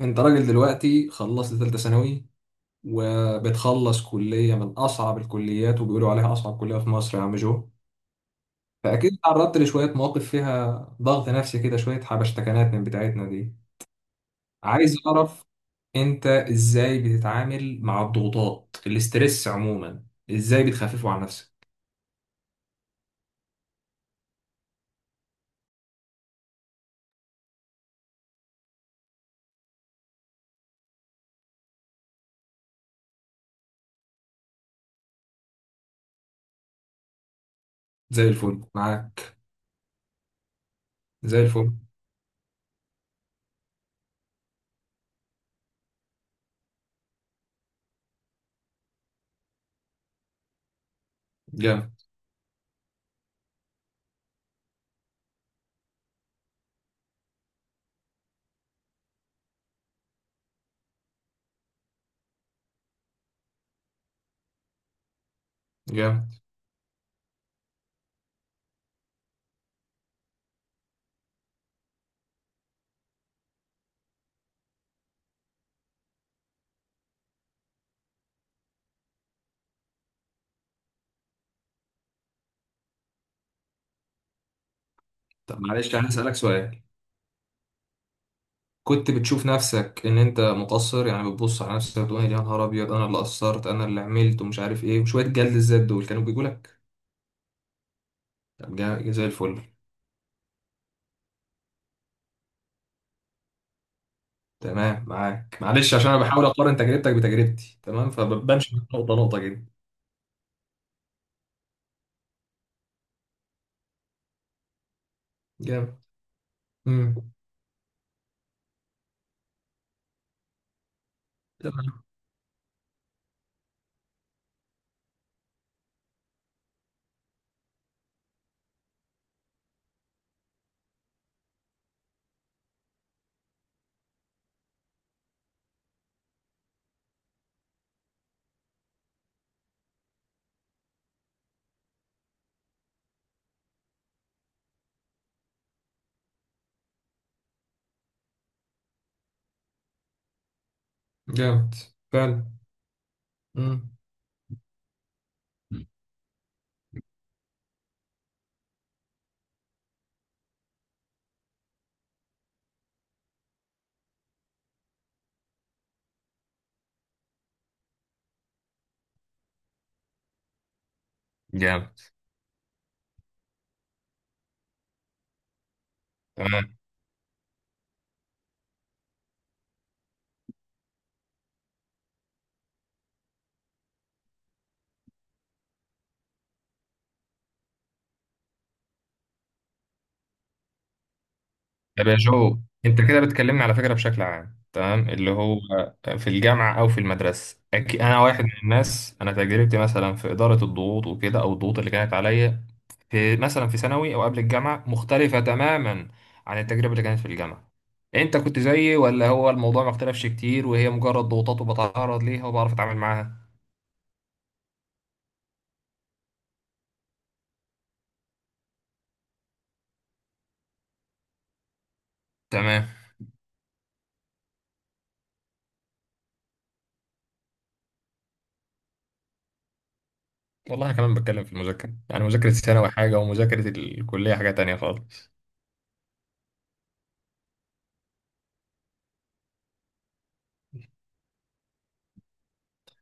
انت راجل دلوقتي خلصت ثالثة ثانوي، وبتخلص كلية من أصعب الكليات وبيقولوا عليها أصعب كلية في مصر يا عم جو. فأكيد تعرضت لشوية مواقف فيها ضغط نفسي كده، شوية حبشتكنات من بتاعتنا دي. عايز أعرف أنت إزاي بتتعامل مع الضغوطات، الاسترس عموما، إزاي بتخففه عن نفسك؟ زي الفل معاك. زي الفل. جامد. جامد. طب معلش أنا هسألك سؤال، كنت بتشوف نفسك ان انت مقصر؟ يعني بتبص على نفسك تقول يا نهار ابيض انا اللي قصرت انا اللي عملت ومش عارف ايه، وشويه جلد الذات دول كانوا بيجوا لك؟ طب زي الفل. تمام معاك، معلش عشان انا بحاول اقارن تجربتك بتجربتي، تمام، فبمشي نقطه نقطه كده. جامد. امم. تمام. جامد. فعلا. امم. جامد. طب يا جو، انت كده بتكلمني على فكره بشكل عام، تمام، اللي هو في الجامعه او في المدرسه. أكي، انا واحد من الناس، انا تجربتي مثلا في اداره الضغوط وكده، او الضغوط اللي كانت عليا في مثلا في ثانوي او قبل الجامعه، مختلفه تماما عن التجربه اللي كانت في الجامعه. انت كنت زيي، ولا هو الموضوع ما اختلفش كتير وهي مجرد ضغوطات وبتعرض ليها وبعرف اتعامل معاها؟ تمام. والله انا كمان بتكلم في المذاكره، يعني مذاكره الثانوي حاجه ومذاكره الكليه حاجه تانية خالص.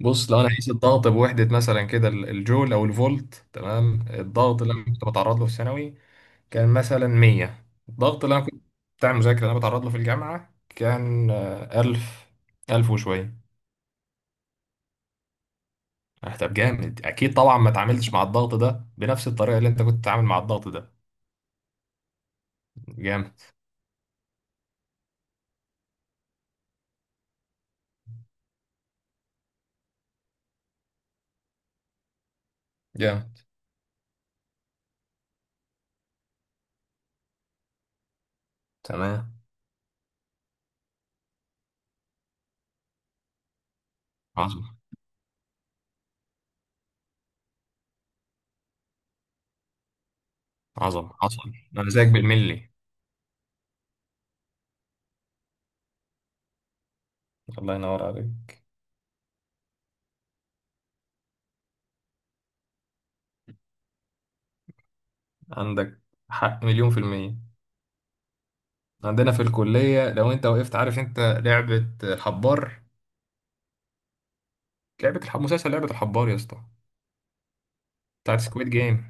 بص، لو انا قيس الضغط بوحده مثلا كده، ال- الجول او الفولت، تمام، الضغط اللي انا كنت بتعرض له في ثانوي كان مثلا 100. الضغط اللي انا كنت بتاع المذاكره اللي انا بتعرض له في الجامعه كان، 1000، 1000 وشويه. طب جامد. اكيد طبعا ما اتعاملتش مع الضغط ده بنفس الطريقه اللي انت كنت بتتعامل مع الضغط ده. جامد. جامد. تمام. عظمه. عظمه حصل، انا زيك بالملي. الله ينور عليك. عندك حق، مليون في المية. عندنا في الكلية لو انت وقفت، عارف انت لعبة الحبار؟ لعبة الحب، مسلسل لعبة الحبار يا اسطى، بتاعت سكويد جيم.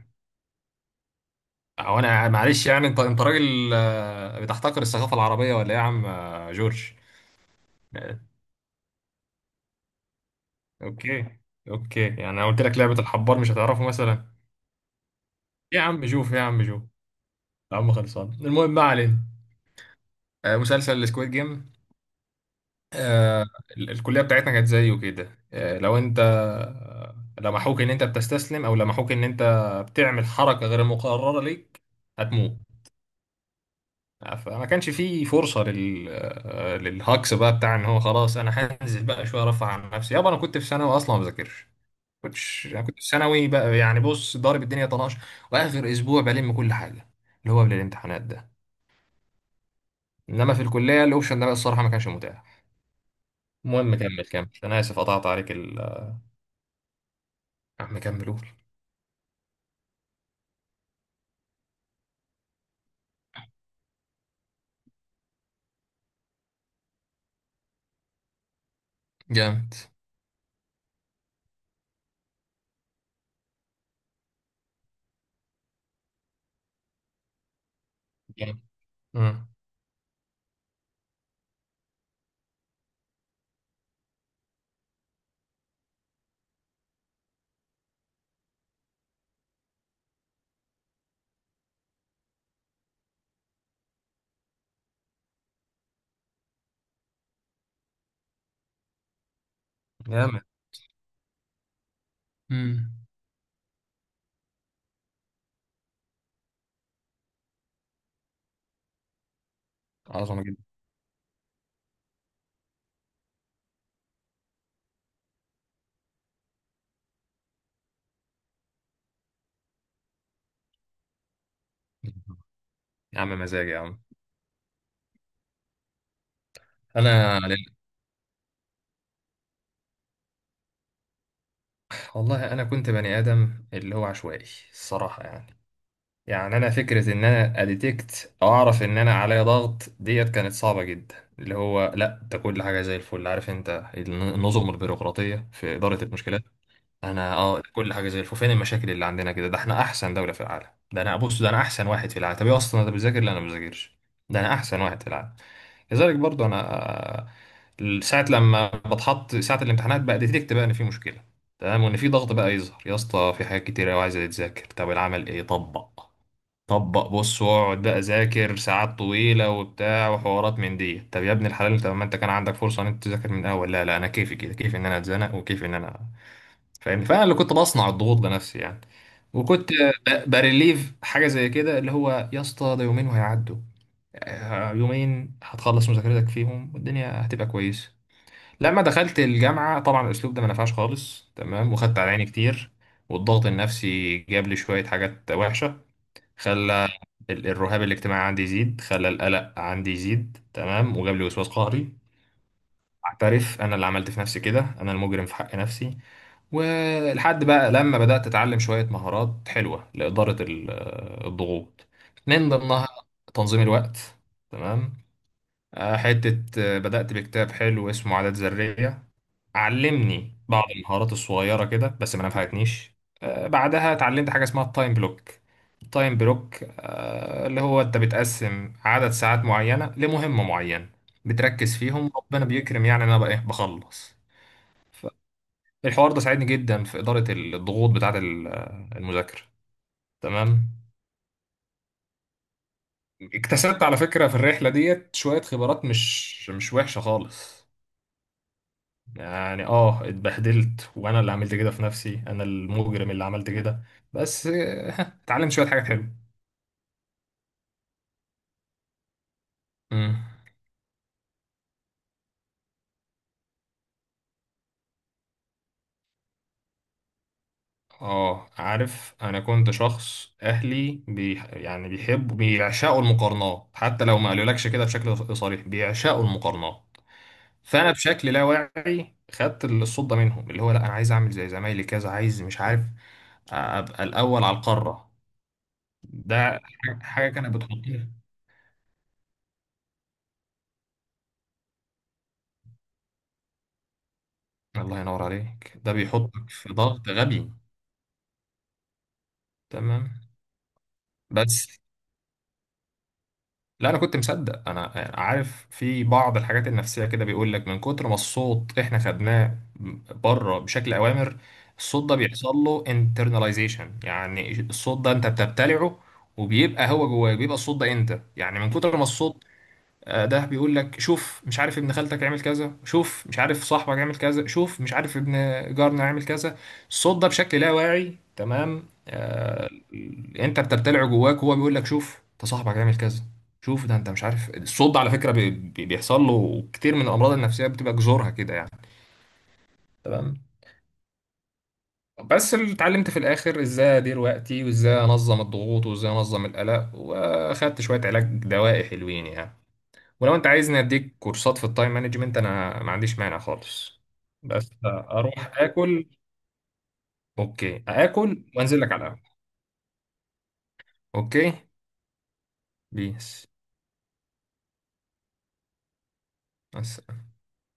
او انا معلش يعني، انت انت راجل بتحتقر الثقافة العربية ولا ايه يا عم جورج؟ آه، اوكي. اوكي، يعني انا قلت لك لعبة الحبار مش هتعرفه مثلا. إيه يا عم شوف، إيه يا عم شوف، يا عم خلصان، المهم ما علينا. مسلسل سكويد جيم، الكلية بتاعتنا كانت زيه كده. لو انت لمحوك ان انت بتستسلم، او لمحوك ان انت بتعمل حركة غير مقررة ليك، هتموت. فما كانش فيه فرصة لل... للهاكس بقى، بتاع ان هو خلاص انا هنزل بقى شوية ارفع عن نفسي. يابا انا كنت في ثانوي اصلا ما بذاكرش. كنتش، انا كنت في ثانوي بقى، يعني بص ضارب الدنيا طناش، واخر اسبوع بلم كل حاجة، اللي هو قبل الامتحانات ده. انما في الكلية الاوبشن ده بقى الصراحة ما كانش متاح. المهم كمل، كمل، انا اسف قطعت عليك ال. يا عم كمل قول. جامد. جامد. مم. جامد. مم. عظمة جدا. يا عم مزاج يا عم. انا والله انا كنت بني ادم اللي هو عشوائي الصراحه، يعني. يعني انا فكره ان انا اديتكت او اعرف ان انا عليا ضغط ديت كانت صعبه جدا، اللي هو لا ده كل حاجه زي الفل. عارف انت النظم البيروقراطيه في اداره المشكلات؟ انا اه كل حاجه زي الفل. فين المشاكل اللي عندنا كده؟ ده احنا احسن دوله في العالم. ده انا بص، ده انا احسن واحد في العالم. طب ايه اصلا انت بتذاكر؟ لا انا ما بذاكرش. ده انا احسن واحد في العالم. كذلك برضو انا. ساعه لما بتحط، ساعه الامتحانات بقى، ديتكت بقى ان في مشكله، تمام، وان في ضغط بقى يظهر. يا اسطى في حاجات كتير قوي عايزه تتذاكر، طب العمل ايه؟ طبق، طبق، بص واقعد بقى ذاكر ساعات طويله وبتاع وحوارات من دي. طب يا ابن الحلال انت، ما انت كان عندك فرصه ان انت تذاكر من الاول! لا لا انا كيفي كده، كيفي ان انا اتزنق وكيفي ان انا، فاهم؟ فانا اللي كنت بصنع الضغوط بنفسي يعني. وكنت بريليف حاجه زي كده، اللي هو يا اسطى ده يومين وهيعدوا. يومين هتخلص مذاكرتك فيهم والدنيا هتبقى كويسه. لما دخلت الجامعه طبعا الاسلوب ده ما نفعش خالص، تمام، وخدت على عيني كتير، والضغط النفسي جاب لي شويه حاجات وحشه. خلى ال- الرهاب الاجتماعي عندي يزيد، خلى القلق عندي يزيد، تمام، وجاب لي وسواس قهري. اعترف، انا اللي عملت في نفسي كده، انا المجرم في حق نفسي. ولحد بقى لما بدأت أتعلم شوية مهارات حلوة لإدارة ال- الضغوط، من ضمنها تنظيم الوقت، تمام. حتة بدأت بكتاب حلو اسمه عادات ذرية، علمني بعض المهارات الصغيرة كده بس ما نفعتنيش. بعدها اتعلمت حاجة اسمها التايم بلوك. التايم بلوك اللي هو أنت بتقسم عدد ساعات معينة لمهمة معينة، بتركز فيهم ربنا بيكرم، يعني أنا بقى إيه بخلص. الحوار ده ساعدني جدا في إدارة الضغوط بتاعة ال- المذاكرة، تمام. اكتسبت على فكرة في الرحلة ديت شوية خبرات مش وحشة خالص. يعني اه اتبهدلت، وانا اللي عملت كده في نفسي، انا المجرم اللي عملت كده. بس اتعلمت شوية حاجات حلوة. مم. اه عارف، انا كنت شخص اهلي بي يعني بيحبوا بيعشقوا المقارنات، حتى لو ما قالولكش كده بشكل صريح بيعشقوا المقارنات. فانا بشكل لا واعي خدت الصوت ده منهم، اللي هو لا انا عايز اعمل زي زمايلي كذا، عايز مش عارف ابقى الاول على القاره. ده حاجه كانت بتحطني. الله ينور عليك، ده بيحطك في ضغط غبي، تمام. بس لا انا كنت مصدق، انا عارف في بعض الحاجات النفسيه كده بيقول لك من كتر ما الصوت احنا خدناه بره بشكل اوامر، الصوت ده بيحصل له internalization. يعني الصوت ده انت بتبتلعه، وبيبقى هو جواك، بيبقى الصوت ده انت، يعني من كتر ما الصوت ده بيقول لك شوف مش عارف ابن خالتك عمل كذا، شوف مش عارف صاحبك عمل كذا، شوف مش عارف ابن جارنا عمل كذا، الصوت ده بشكل لا واعي، تمام، آه انت بترتلعه جواك، وهو بيقول لك شوف ده صاحبك عمل كذا، شوف ده انت مش عارف. الصوت ده على فكرة بيحصل له كتير من الامراض النفسية بتبقى جذورها كده يعني، تمام. بس اللي اتعلمت في الاخر ازاي ادير وقتي وازاي انظم الضغوط وازاي انظم القلق، واخدت شوية علاج دوائي حلوين يعني. ولو انت عايزني اديك كورسات في التايم مانجمنت، انا ما عنديش مانع خالص. بس اروح اكل. اوكي، اكل وانزل لك على القهوة. اوكي. بيس. مع